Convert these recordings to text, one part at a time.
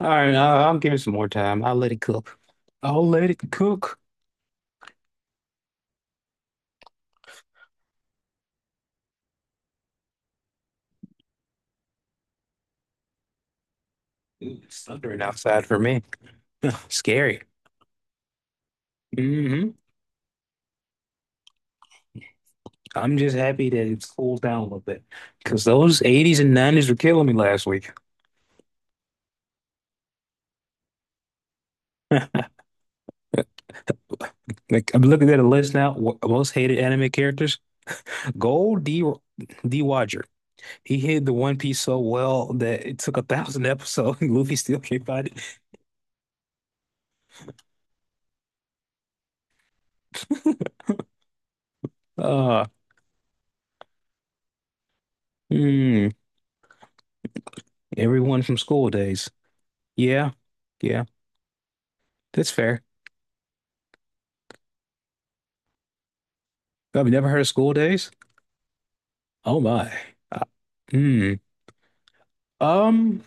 All right, I'll give it some more time. I'll let it cook. I'll let it cook. Ooh, it's thundering outside for me. Scary. hmm I'm just happy that it's cooled down a little bit because those 80s and 90s were killing me last week. Like I'm looking at a list now. Most hated anime characters. Gold D D Roger. He hid the One Piece so well that it took a thousand episodes. Luffy still can't find it. Uh, hmm, everyone from school days. Yeah, yeah, that's fair. I've never heard of school days. Oh my. Uh, hmm. Um.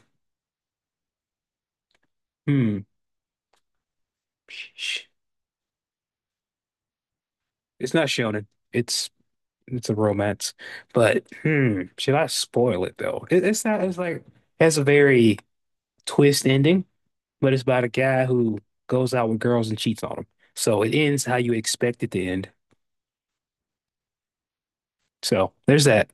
Hmm. Sh- sh- It's not shonen. It's it's a romance. But hmm. Should I spoil it though? It, it's not. It's like has a very twist ending. But it's about a guy who goes out with girls and cheats on them. So it ends how you expect it to end. So there's that.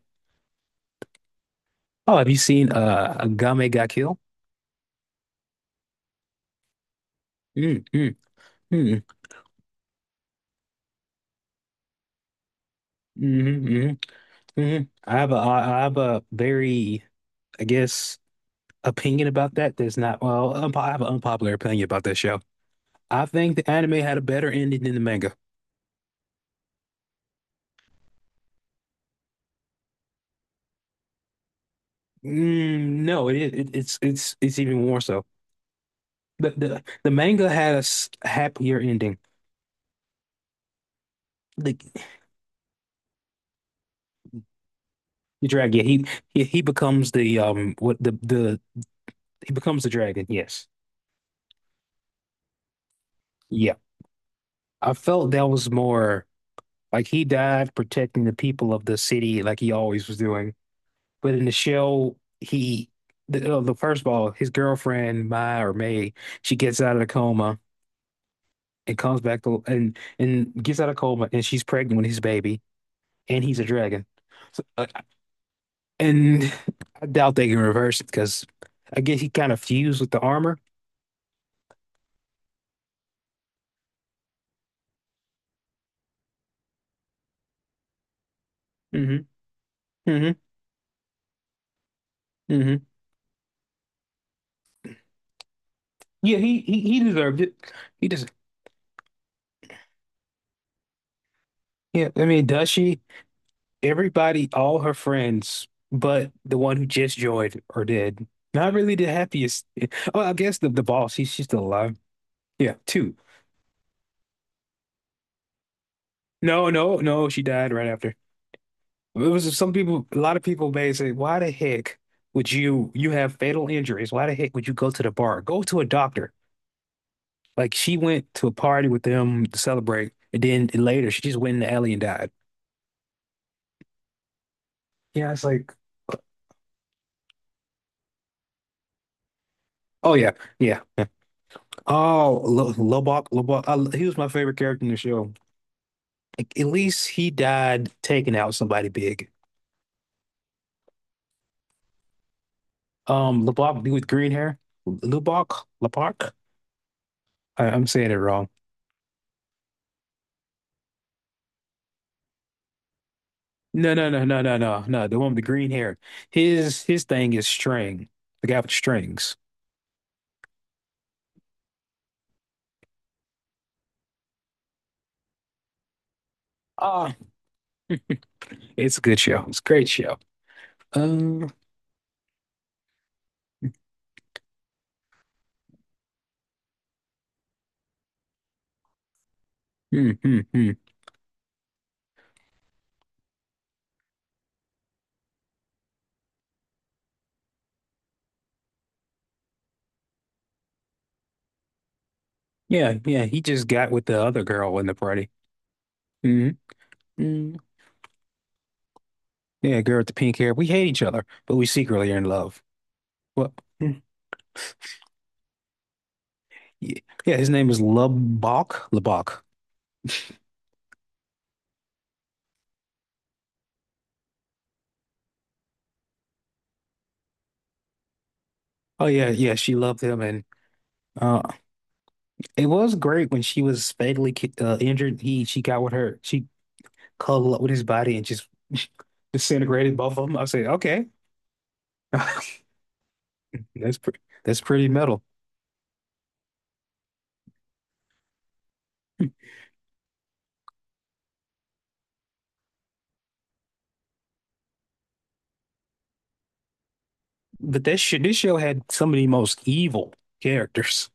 Oh, have you seen Game Ga Kill? Mm, mm, mm, mm, mm, mm. I have a I have a very, I guess, opinion about that. That's not well, unpo- I have an unpopular opinion about that show. I think the anime had a better ending than the manga. Mm, no, it's it's even more so. The manga had a happier ending. The The dragon. Yeah, he, he becomes the what the he becomes the dragon. Yes. Yeah. I felt that was more like he died protecting the people of the city like he always was doing. But in the show, the first ball, his girlfriend, Mai or May, she gets out of the coma and comes back to, and gets out of coma and she's pregnant with his baby and he's a dragon. So, and I doubt they can reverse it because I guess he kind of fused with the armor. hmm hmm hmm Yeah, he he deserved it. He just yeah. I mean, does she? Everybody, all her friends, but the one who just joined are dead. Not really the happiest. Oh, I guess the boss. He's She's still alive. Yeah, two. No, no, no. She died right after. It was some people. A lot of people may say, "Why the heck would you? You have fatal injuries. Why the heck would you go to the bar? Go to a doctor." Like she went to a party with them to celebrate, and then later she just went in the alley and died. Yeah, it's like, oh yeah, yeah. Oh, Lobok, Lobok. I, he was my favorite character in the show. Like, at least he died taking out somebody big. Lobok, dude with green hair. Lubok, Lobok. I'm saying it wrong. No, no, no, no, no, no, no. The one with the green hair. His thing is string. The guy with the strings. Ah, it's a good show. It's a great show. Um, hmm, hmm, hmm. Yeah, yeah. He just got with the other girl in the party. hmm mm Yeah, girl with the pink hair. We hate each other, but we secretly are in love. What? Yeah, yeah, his name is Lubbock. Lubbock. Oh yeah, yeah, she loved him, and uh, it was great when she was fatally injured. He She got with her, she cuddled up with his body and just disintegrated both of them. I said, okay, that's pretty metal. But that shit, this show had some of the most evil characters.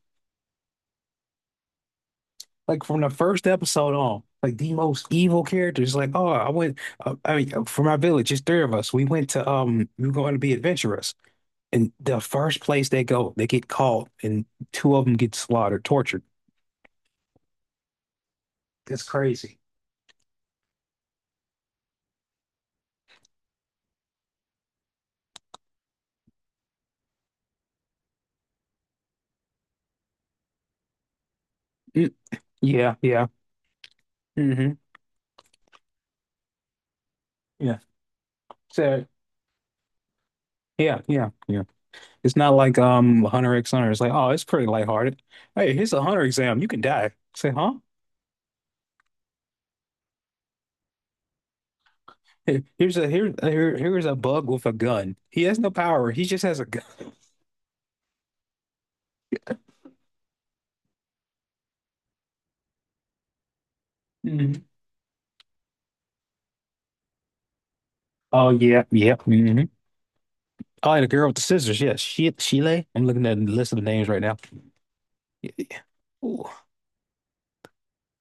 Like from the first episode on, like the most evil characters. Like, oh, I went, I mean, for my village, it's three of us. We went to, we were going to be adventurous. And the first place they go, they get caught, and two of them get slaughtered, tortured. That's crazy. Mm, yeah, yeah. hmm Yeah. So yeah, yeah, yeah. It's not like Hunter X Hunter. It's like, oh, it's pretty lighthearted. Hey, here's a Hunter exam. You can die. Say, huh? Here's a bug with a gun. He has no power. He just has a gun. Mhm. Oh yeah, yeah. Oh, and the girl with the scissors. Yes, she Sheila. I'm looking at the list of the names right now.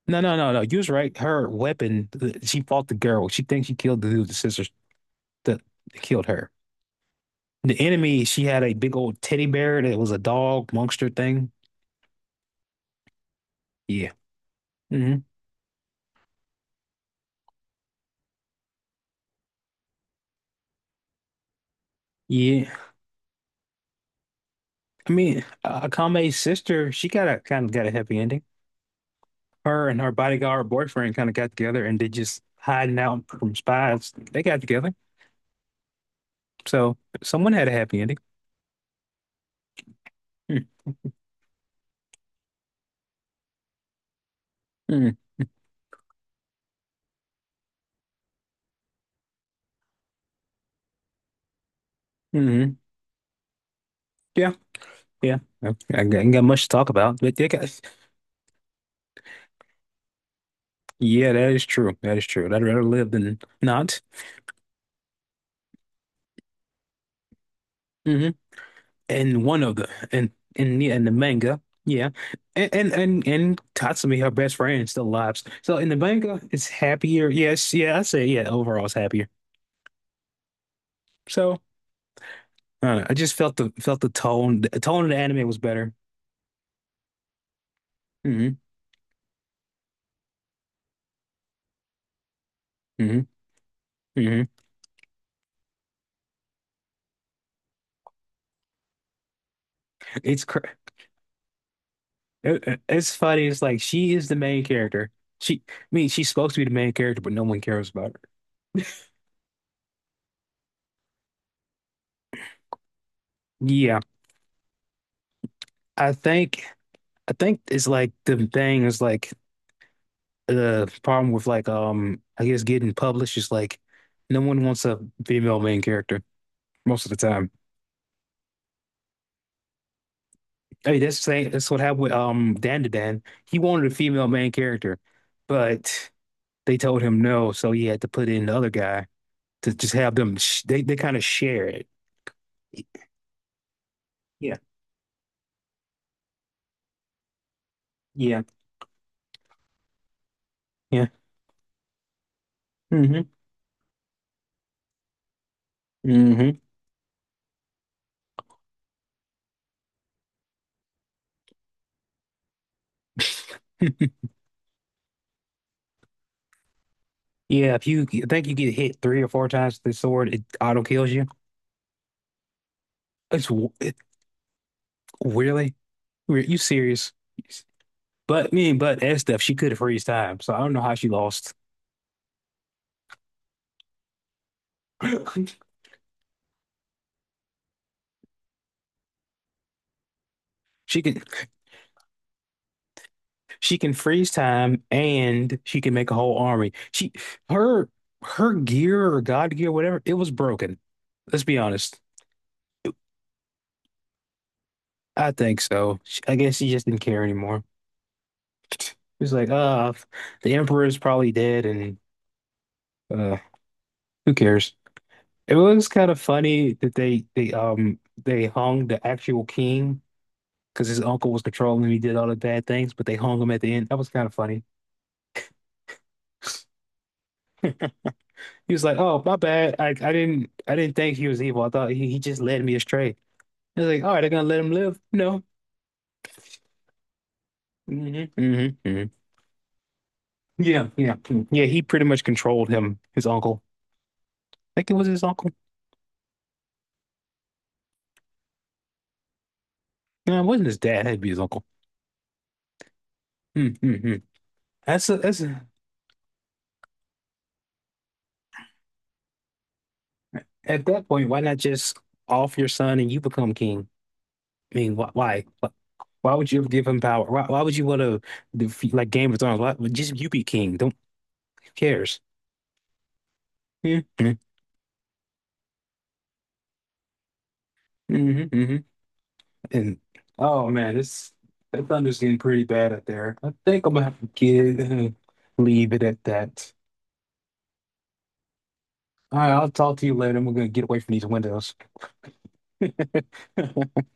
No, no, no, no. You was right. She fought the girl. She thinks she killed the dude, the sisters that that killed her. The enemy, she had a big old teddy bear that was a dog monster thing. Yeah. hmm Yeah. I mean, Akame's sister, she got a got a happy ending. Her and her bodyguard boyfriend kind of got together and they just hiding out from spies. They got together. So someone had a happy ending. Hmm. Mm-hmm. Mm-hmm. Yeah. Yeah. I ain't got much to talk about, but they got yeah, that is true. That is true. I'd rather live than not. hmm And one of the and yeah, and the manga, yeah, and Tatsumi, her best friend, still lives. So in the manga, it's happier. Yes, yeah, I say yeah. Overall, it's happier. So I don't know. I just felt the tone. The tone of the anime was better. hmm hmm hmm It's cr it's funny. It's like she is the main character. She, I mean, she's supposed to be the main character, but no one cares about her. Yeah, I think. I think it's like the thing is like the problem with like I guess getting published is like no one wants a female main character most of the time. I mean that's the same that's what happened with Dan to Dan. He wanted a female main character, but they told him no, so he had to put in the other guy to just have them sh they kind of share it. Yeah, yeah, yeah. hmm hmm Yeah, if you I think you get hit three or four times with the sword, it auto kills you. It's w- it, really? Were you serious? But me and but S stuff, she could freeze time. So I don't know how she lost. She can she can freeze time and she can make a whole army. She her Her gear or God gear, whatever, it was broken. Let's be honest. I think so. I guess she just didn't care anymore. It was like, the emperor is probably dead, and uh, who cares? It was kind of funny that they hung the actual king, because his uncle was controlling him. He did all the bad things, but they hung him at the end. That was kind of funny. He was like, "Oh, my bad. I didn't think he was evil. I thought he just led me astray." I was like, "All right, they're gonna let him live?" No. hmm hmm hmm Yeah, yeah, mm, yeah. He pretty much controlled him. His uncle. I think it was his uncle. No, it wasn't his dad. It'd be his uncle. Mm-hmm. That's a, that's a, at that point, why not just off your son and you become king? I mean, wh why? Why would you give him power? Why would you want to defeat like Game of Thrones? Why, just you be king. Don't who cares. hmm hmm hmm And oh man, this that thunder's getting pretty bad out there. I think I'm gonna have to get leave it at that. All right, I'll talk to you later. I'm gonna get away from these windows.